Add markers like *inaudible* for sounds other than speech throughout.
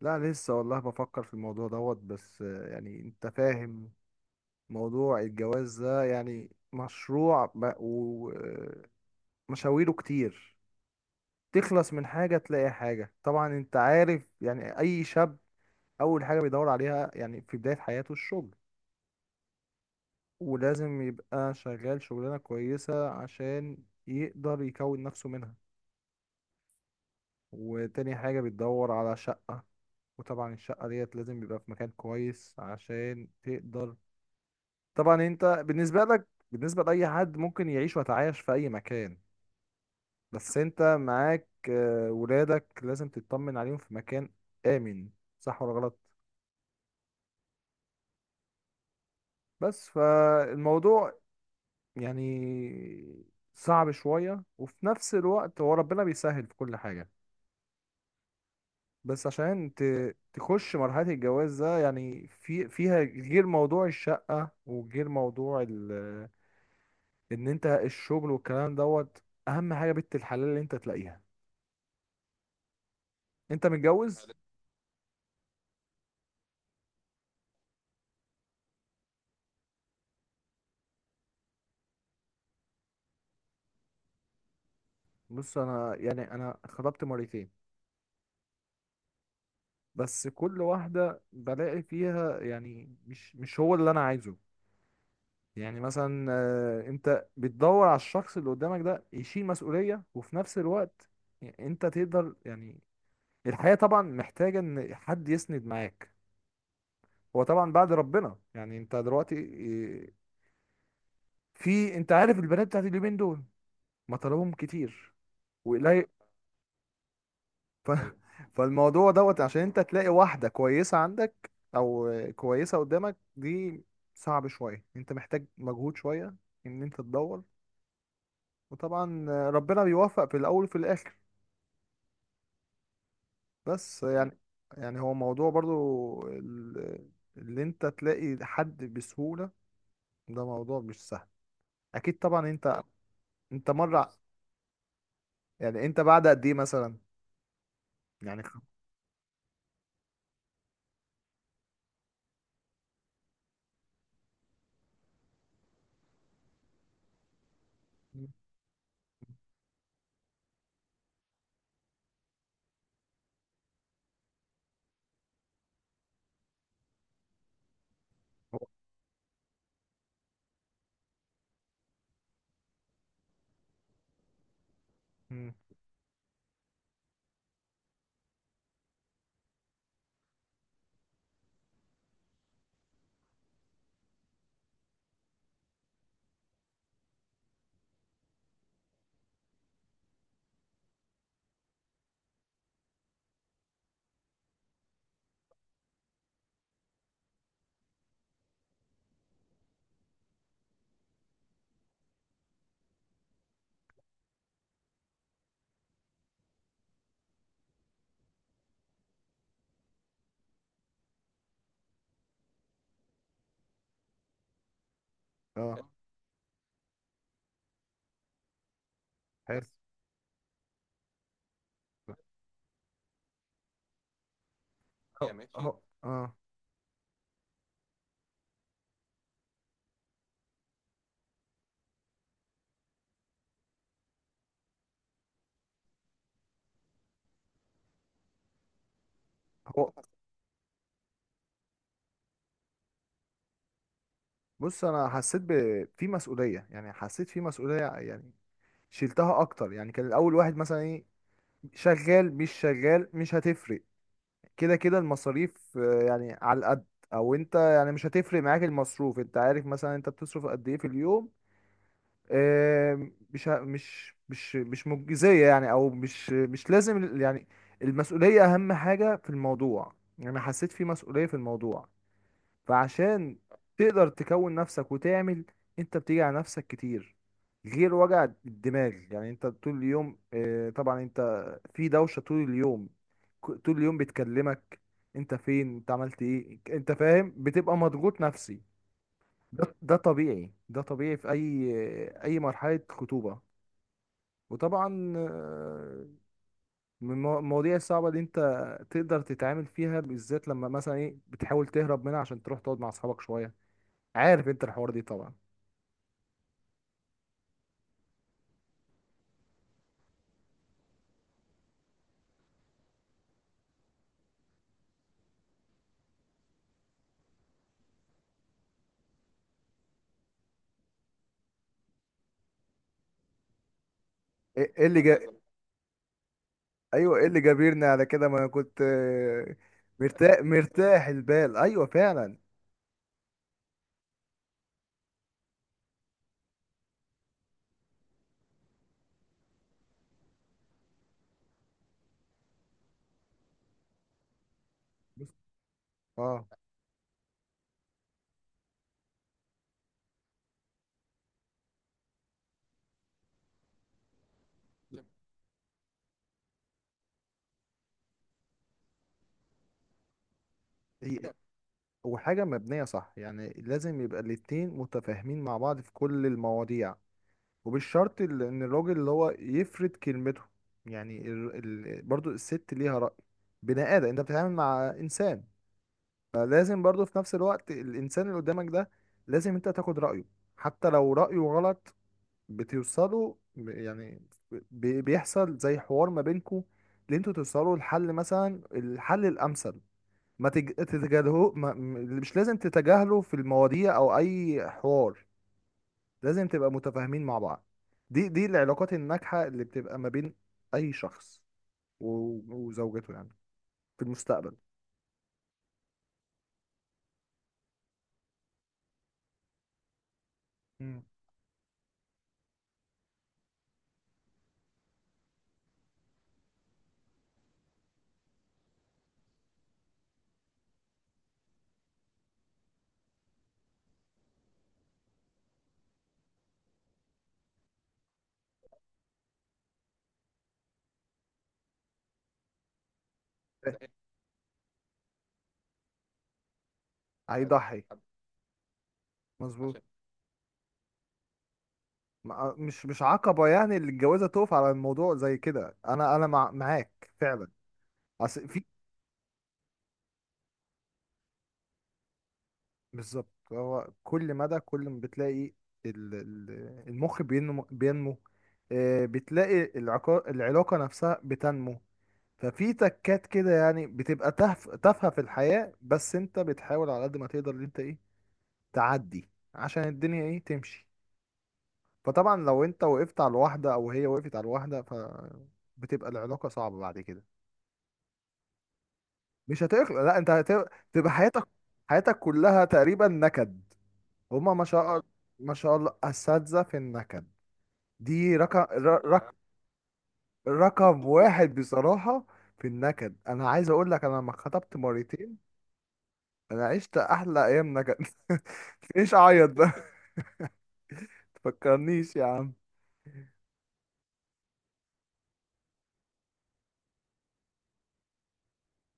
لا لسه والله بفكر في الموضوع دوت بس يعني انت فاهم موضوع الجواز ده يعني مشروع ومشاويره كتير. تخلص من حاجة تلاقي حاجة. طبعا انت عارف يعني اي شاب اول حاجة بيدور عليها يعني في بداية حياته الشغل، ولازم يبقى شغال شغلانة كويسة عشان يقدر يكون نفسه منها. وتاني حاجة بتدور على شقة، وطبعا الشقة ديت لازم يبقى في مكان كويس عشان تقدر. طبعا انت بالنسبة لك بالنسبة لأي حد ممكن يعيش ويتعايش في أي مكان، بس انت معاك ولادك لازم تطمن عليهم في مكان آمن، صح ولا غلط؟ بس فالموضوع يعني صعب شوية، وفي نفس الوقت هو ربنا بيسهل في كل حاجة. بس عشان تخش مرحلة الجواز ده يعني في فيها غير موضوع الشقة وغير موضوع ان انت الشغل والكلام دوت، اهم حاجة بنت الحلال اللي انت تلاقيها. انت متجوز؟ بص انا يعني انا خطبت مرتين، بس كل واحده بلاقي فيها يعني مش هو اللي انا عايزه. يعني مثلا انت بتدور على الشخص اللي قدامك ده يشيل مسؤوليه، وفي نفس الوقت انت تقدر يعني الحياه طبعا محتاجه ان حد يسند معاك. هو طبعا بعد ربنا، يعني انت دلوقتي آه، في انت عارف البنات بتاعت اليومين دول مطالبهم كتير وقليل. ف... *laughs* فالموضوع دوت عشان انت تلاقي واحدة كويسة عندك او كويسة قدامك دي صعب شوية، انت محتاج مجهود شوية ان انت تدور. وطبعا ربنا بيوفق في الاول وفي الاخر، بس يعني يعني هو موضوع برضو ال- اللي انت تلاقي حد بسهولة ده موضوع مش سهل. اكيد طبعا انت، انت مرة يعني انت بعد قد ايه مثلا يعني هو- مم. اه حلو. هو اه. هو بص انا حسيت ب... في مسؤوليه. يعني حسيت في مسؤوليه، يعني شلتها اكتر. يعني كان الاول واحد مثلا ايه، شغال مش شغال مش هتفرق، كده كده المصاريف يعني على القد. او انت يعني مش هتفرق معاك المصروف، انت عارف مثلا انت بتصرف قد ايه في اليوم. مش مجزيه يعني، او مش لازم يعني المسؤوليه اهم حاجه في الموضوع. يعني حسيت في مسؤوليه في الموضوع فعشان تقدر تكون نفسك وتعمل. انت بتيجي على نفسك كتير غير وجع الدماغ. يعني انت طول اليوم طبعا انت في دوشة طول اليوم، طول اليوم بتكلمك انت فين انت عملت ايه انت فاهم. بتبقى مضغوط نفسي. ده ده طبيعي، ده طبيعي في اي اي مرحلة خطوبة. وطبعا من المواضيع الصعبة اللي انت تقدر تتعامل فيها بالذات لما مثلا ايه بتحاول تهرب منها عشان تروح تقعد مع اصحابك شوية. عارف انت الحوار دي طبعا. ايه ايوه ايه اللي جابرنا على كده، ما انا كنت مرتاح البال، ايوه فعلا. اه. هي وحاجه مبنيه صح. يعني لازم يبقى الاتنين متفاهمين مع بعض في كل المواضيع، وبالشرط ان الراجل اللي هو يفرد كلمته يعني برضو الست ليها رأي، بني ادم، انت بتتعامل مع انسان. فلازم برضو في نفس الوقت الانسان اللي قدامك ده لازم انت تاخد رأيه حتى لو رأيه غلط. بتوصلوا يعني بيحصل زي حوار ما بينكوا اللي انتوا توصلوا لحل مثلا الحل الامثل. ما تج... تتجاهلوه ما... م- مش لازم تتجاهلوا في المواضيع او اي حوار، لازم تبقى متفاهمين مع بعض. دي دي العلاقات الناجحة اللي بتبقى ما بين اي شخص و... وزوجته يعني في المستقبل. مم. هيضحي. مظبوط، مش عقبة يعني اللي الجوازة تقف على الموضوع زي كده. انا انا معاك فعلا. أصل في، بالظبط. هو كل مدى كل ما بتلاقي ال- ال- المخ بينمو بينمو، بتلاقي العلاقة نفسها بتنمو. ففي تكات كده يعني بتبقى تافهة في الحياة، بس انت بتحاول على قد ما تقدر ان انت ايه تعدي عشان الدنيا ايه تمشي. فطبعا لو انت وقفت على الواحدة او هي وقفت على الواحدة ف بتبقى العلاقة صعبة بعد كده. مش هتخلق، لا انت هتبقى حياتك حياتك كلها تقريبا نكد. هما ما شاء الله، ما شاء الله أساتذة في النكد. دي رقم رقم واحد بصراحة في النكد. أنا عايز أقول لك، أنا لما اتخطبت مرتين أنا عشت أحلى أيام نكد. *laughs* ليش أعيط ده. *laughs* تفكرنيش يا عم.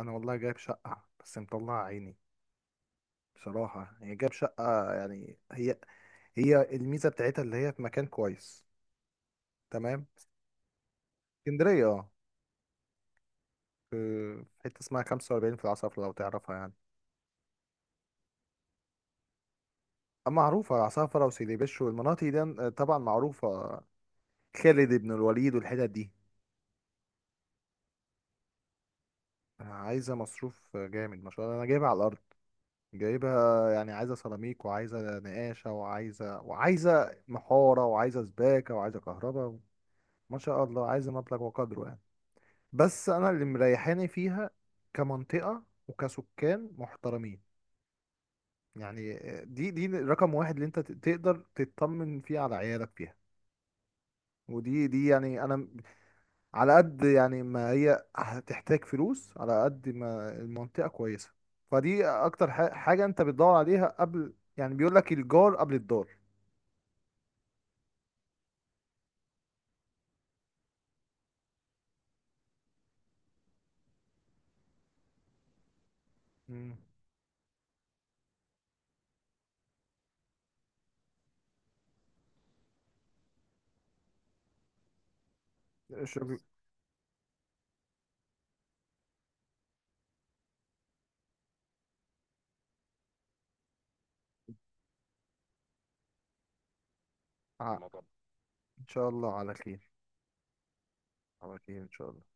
أنا والله جايب شقة بس مطلع عيني بصراحة. هي جايب شقة يعني هي هي الميزة بتاعتها اللي هي في مكان كويس. تمام. اسكندرية اه. في في حتة اسمها 45 في العصر لو تعرفها يعني. معروفة، عصافرة وسيدي والمناطق دي طبعا معروفة، خالد بن الوليد والحتت دي. عايزة مصروف جامد، ما شاء الله أنا جايبها على الأرض. جايبها يعني عايزة سيراميك وعايزة نقاشة وعايزة وعايزة محارة وعايزة سباكة وعايزة كهرباء. ما شاء الله عايزة مبلغ وقدره يعني. بس أنا اللي مريحاني فيها كمنطقة وكسكان محترمين. يعني دي دي رقم واحد اللي أنت تقدر تطمن فيه على عيالك فيها. ودي دي يعني انا على قد يعني ما هي هتحتاج فلوس على قد ما المنطقة كويسة. فدي أكتر حاجة أنت بتدور عليها. قبل يعني بيقول لك الجار قبل الدار. مم. شغل بس. الموضوع إن شاء الله على خير. على خير إن شاء الله.